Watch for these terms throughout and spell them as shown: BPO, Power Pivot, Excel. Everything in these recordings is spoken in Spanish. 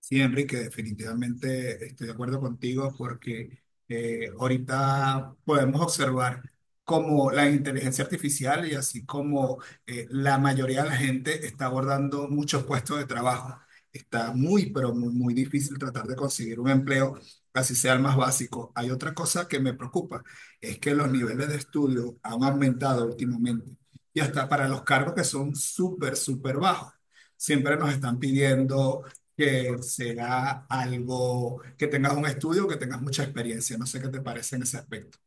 Sí, Enrique, definitivamente estoy de acuerdo contigo porque ahorita podemos observar cómo la inteligencia artificial y así como la mayoría de la gente está abordando muchos puestos de trabajo. Está muy, pero muy, muy difícil tratar de conseguir un empleo, así sea el más básico. Hay otra cosa que me preocupa, es que los niveles de estudio han aumentado últimamente y hasta para los cargos que son súper, súper bajos. Siempre nos están pidiendo que sea algo que tengas un estudio, que tengas mucha experiencia. No sé qué te parece en ese aspecto.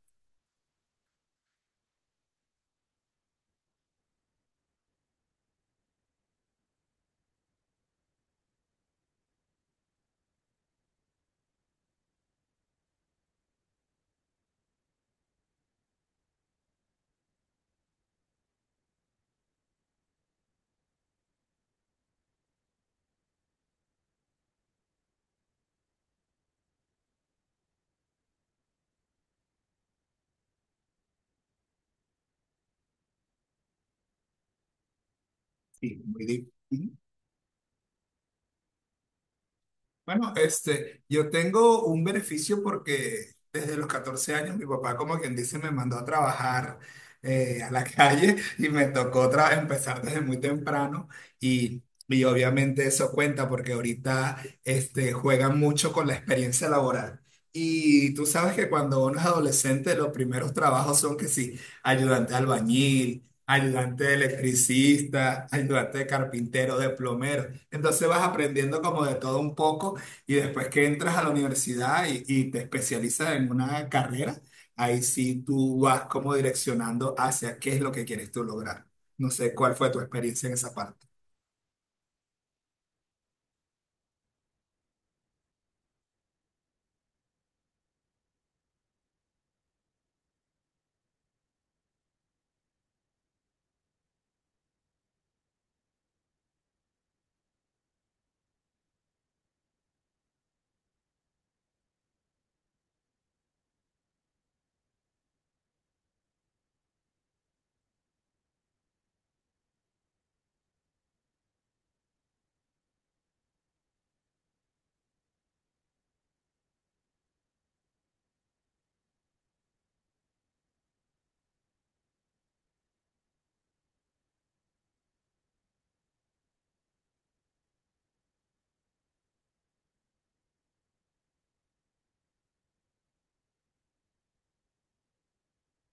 Sí, muy bien. Bueno, este, yo tengo un beneficio porque desde los 14 años mi papá, como quien dice, me mandó a trabajar a la calle y me tocó empezar desde muy temprano y, y obviamente eso cuenta porque ahorita este, juegan mucho con la experiencia laboral. Y tú sabes que cuando uno es adolescente, los primeros trabajos son que sí, ayudante de albañil, ayudante de electricista, ayudante de carpintero, de plomero. Entonces vas aprendiendo como de todo un poco y después que entras a la universidad y te especializas en una carrera, ahí sí tú vas como direccionando hacia qué es lo que quieres tú lograr. No sé cuál fue tu experiencia en esa parte.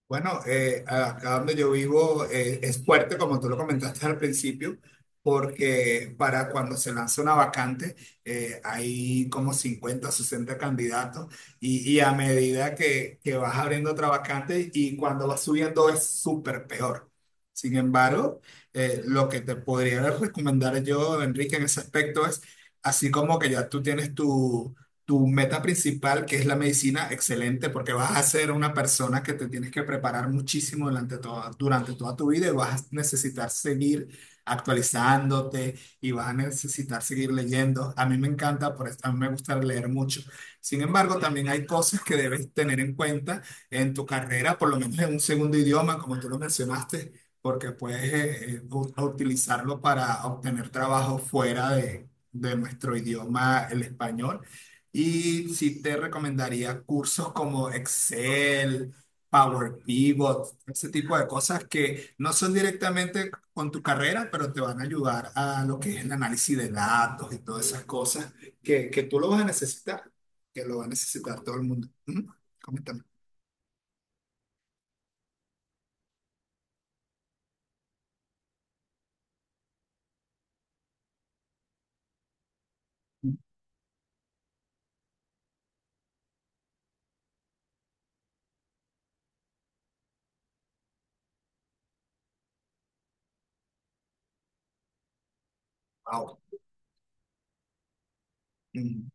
Bueno, acá donde yo vivo es fuerte, como tú lo comentaste al principio, porque para cuando se lanza una vacante hay como 50, 60 candidatos y a medida que vas abriendo otra vacante y cuando vas subiendo es súper peor. Sin embargo, lo que te podría recomendar yo, Enrique, en ese aspecto es, así como que ya tú tienes tu meta principal, que es la medicina, excelente, porque vas a ser una persona que te tienes que preparar muchísimo durante toda tu vida y vas a necesitar seguir actualizándote y vas a necesitar seguir leyendo. A mí me encanta, por eso a mí me gusta leer mucho. Sin embargo, también hay cosas que debes tener en cuenta en tu carrera, por lo menos en un segundo idioma, como tú lo mencionaste, porque puedes utilizarlo para obtener trabajo fuera de nuestro idioma, el español. Y sí te recomendaría cursos como Excel, Power Pivot, ese tipo de cosas que no son directamente con tu carrera, pero te van a ayudar a lo que es el análisis de datos y todas esas cosas que tú lo vas a necesitar, que lo va a necesitar todo el mundo. Ujú. Coméntame. Wow. Mm.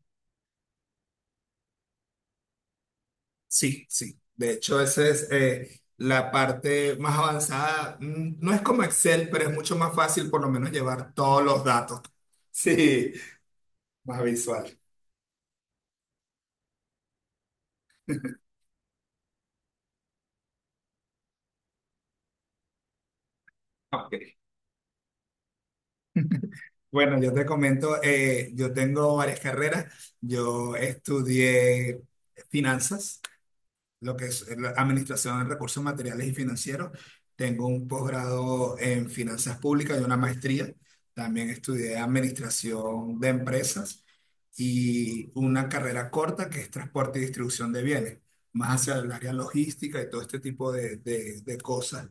Sí, sí. De hecho, esa es la parte más avanzada. Mm. No es como Excel, pero es mucho más fácil por lo menos llevar todos los datos. Sí. Más visual. Ok. Bueno, yo te comento, yo tengo varias carreras. Yo estudié finanzas, lo que es la administración de recursos materiales y financieros. Tengo un posgrado en finanzas públicas y una maestría. También estudié administración de empresas y una carrera corta que es transporte y distribución de bienes, más hacia el área logística y todo este tipo de, de cosas.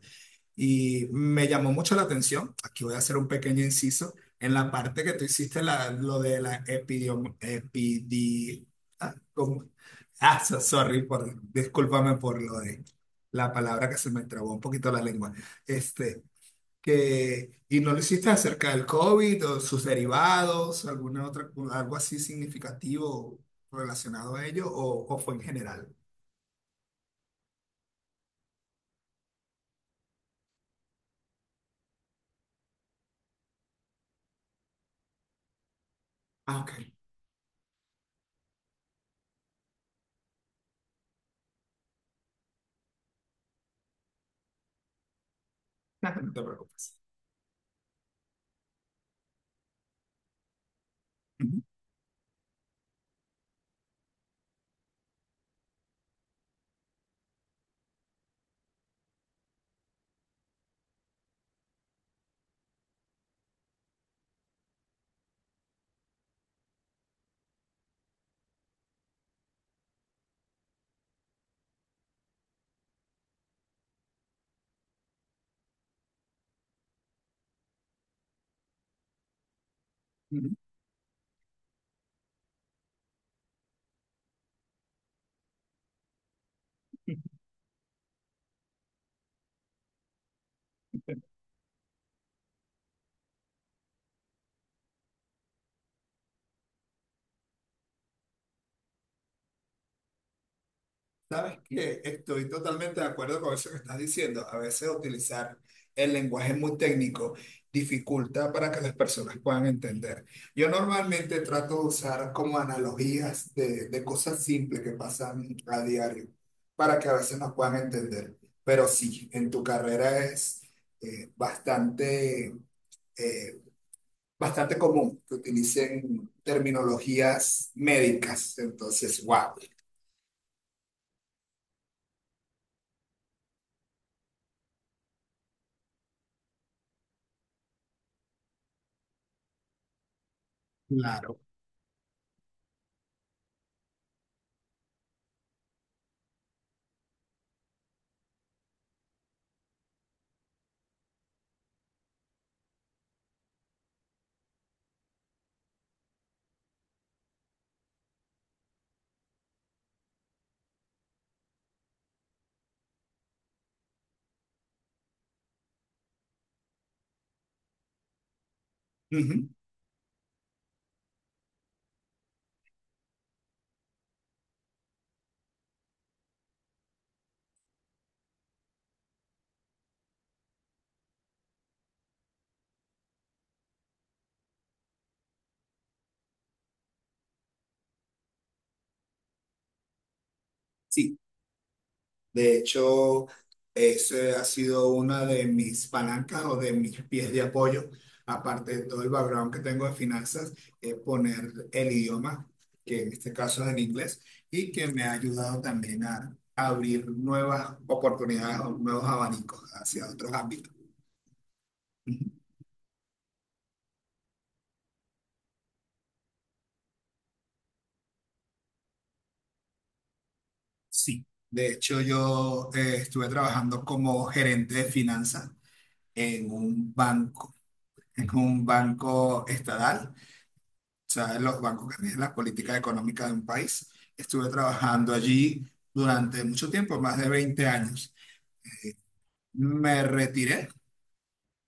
Y me llamó mucho la atención, aquí voy a hacer un pequeño inciso, en la parte que tú hiciste la, lo de la epidiom, epidi, ah, ¿cómo? Ah, so- sorry, por, discúlpame por lo de la palabra que se me trabó un poquito la lengua. Este, que, y no lo hiciste acerca del COVID o sus derivados, alguna otra, algo así significativo relacionado a ello, o fue en general. Ah, ok. No te preocupes. Ujú, ujú. Sabes que estoy totalmente de acuerdo con eso que estás diciendo. A veces utilizar el lenguaje muy técnico dificulta para que las personas puedan entender. Yo normalmente trato de usar como analogías de cosas simples que pasan a diario para que a veces nos puedan entender. Pero sí, en tu carrera es eh, bastante, eh, bastante común que utilicen terminologías médicas. Entonces, wow. Claro. Ujú. Sí. De hecho, ese ha sido una de mis palancas o de mis pies de apoyo, aparte de todo el background que tengo de finanzas, es poner el idioma, que en este caso es el inglés, y que me ha ayudado también a abrir nuevas oportunidades o nuevos abanicos hacia otros ámbitos. Ujú. Sí, de hecho yo estuve trabajando como gerente de finanzas en un banco, en un banco estatal sea, en los bancos que rigen las políticas económicas de un país. Estuve trabajando allí durante mucho tiempo, más de 20 años. Me retiré,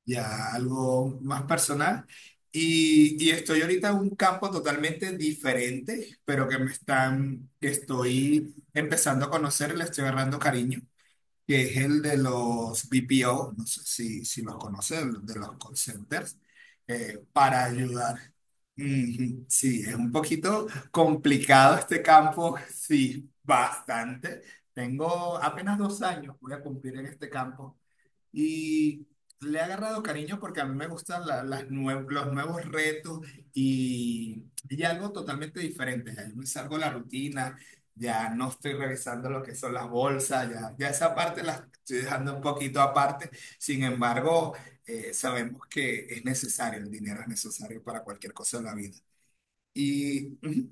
ya algo más personal, y estoy ahorita en un campo totalmente diferente, pero que me están, que estoy empezando a conocer, le estoy agarrando cariño que es el de los BPO, no sé si, si los conoces, de los call centers, para ayudar. Ujú. Sí, es un poquito complicado este campo, sí, bastante. Tengo apenas 2 años, voy a cumplir en este campo y le he agarrado cariño porque a mí me gustan los nuevos retos y algo totalmente diferente. Ya yo me salgo de la rutina, ya no estoy revisando lo que son las bolsas, ya, ya esa parte la estoy dejando un poquito aparte. Sin embargo, sabemos que es necesario, el dinero es necesario para cualquier cosa en la vida. Y ujú.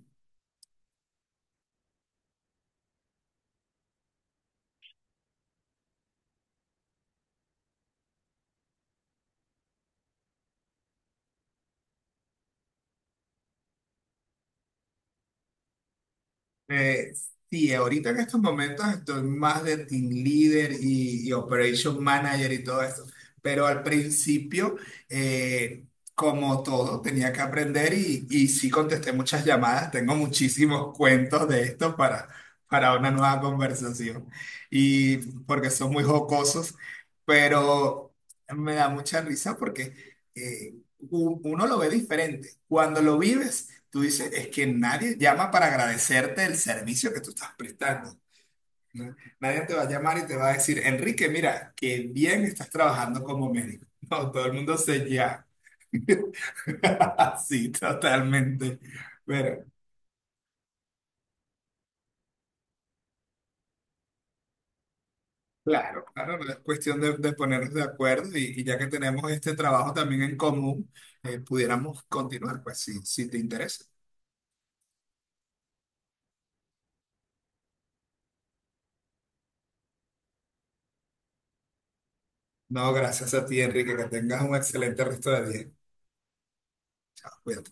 Eh, sí, ahorita en estos momentos estoy más de team leader y operation manager y todo eso, pero al principio, eh, como todo, tenía que aprender y sí contesté muchas llamadas, tengo muchísimos cuentos de esto para una nueva conversación y porque son muy jocosos, pero me da mucha risa porque eh, uno lo ve diferente. Cuando lo vives tú dices, es que nadie llama para agradecerte el servicio que tú estás prestando, ¿no? Nadie te va a llamar y te va a decir, Enrique, mira, qué bien estás trabajando como médico. No, todo el mundo se ya. Sí, totalmente. Pero, claro, claro, no es cuestión de ponernos de acuerdo y ya que tenemos este trabajo también en común, pudiéramos continuar, pues, si, si te interesa. No, gracias a ti, Enrique, que tengas un excelente resto de día. Cuídate.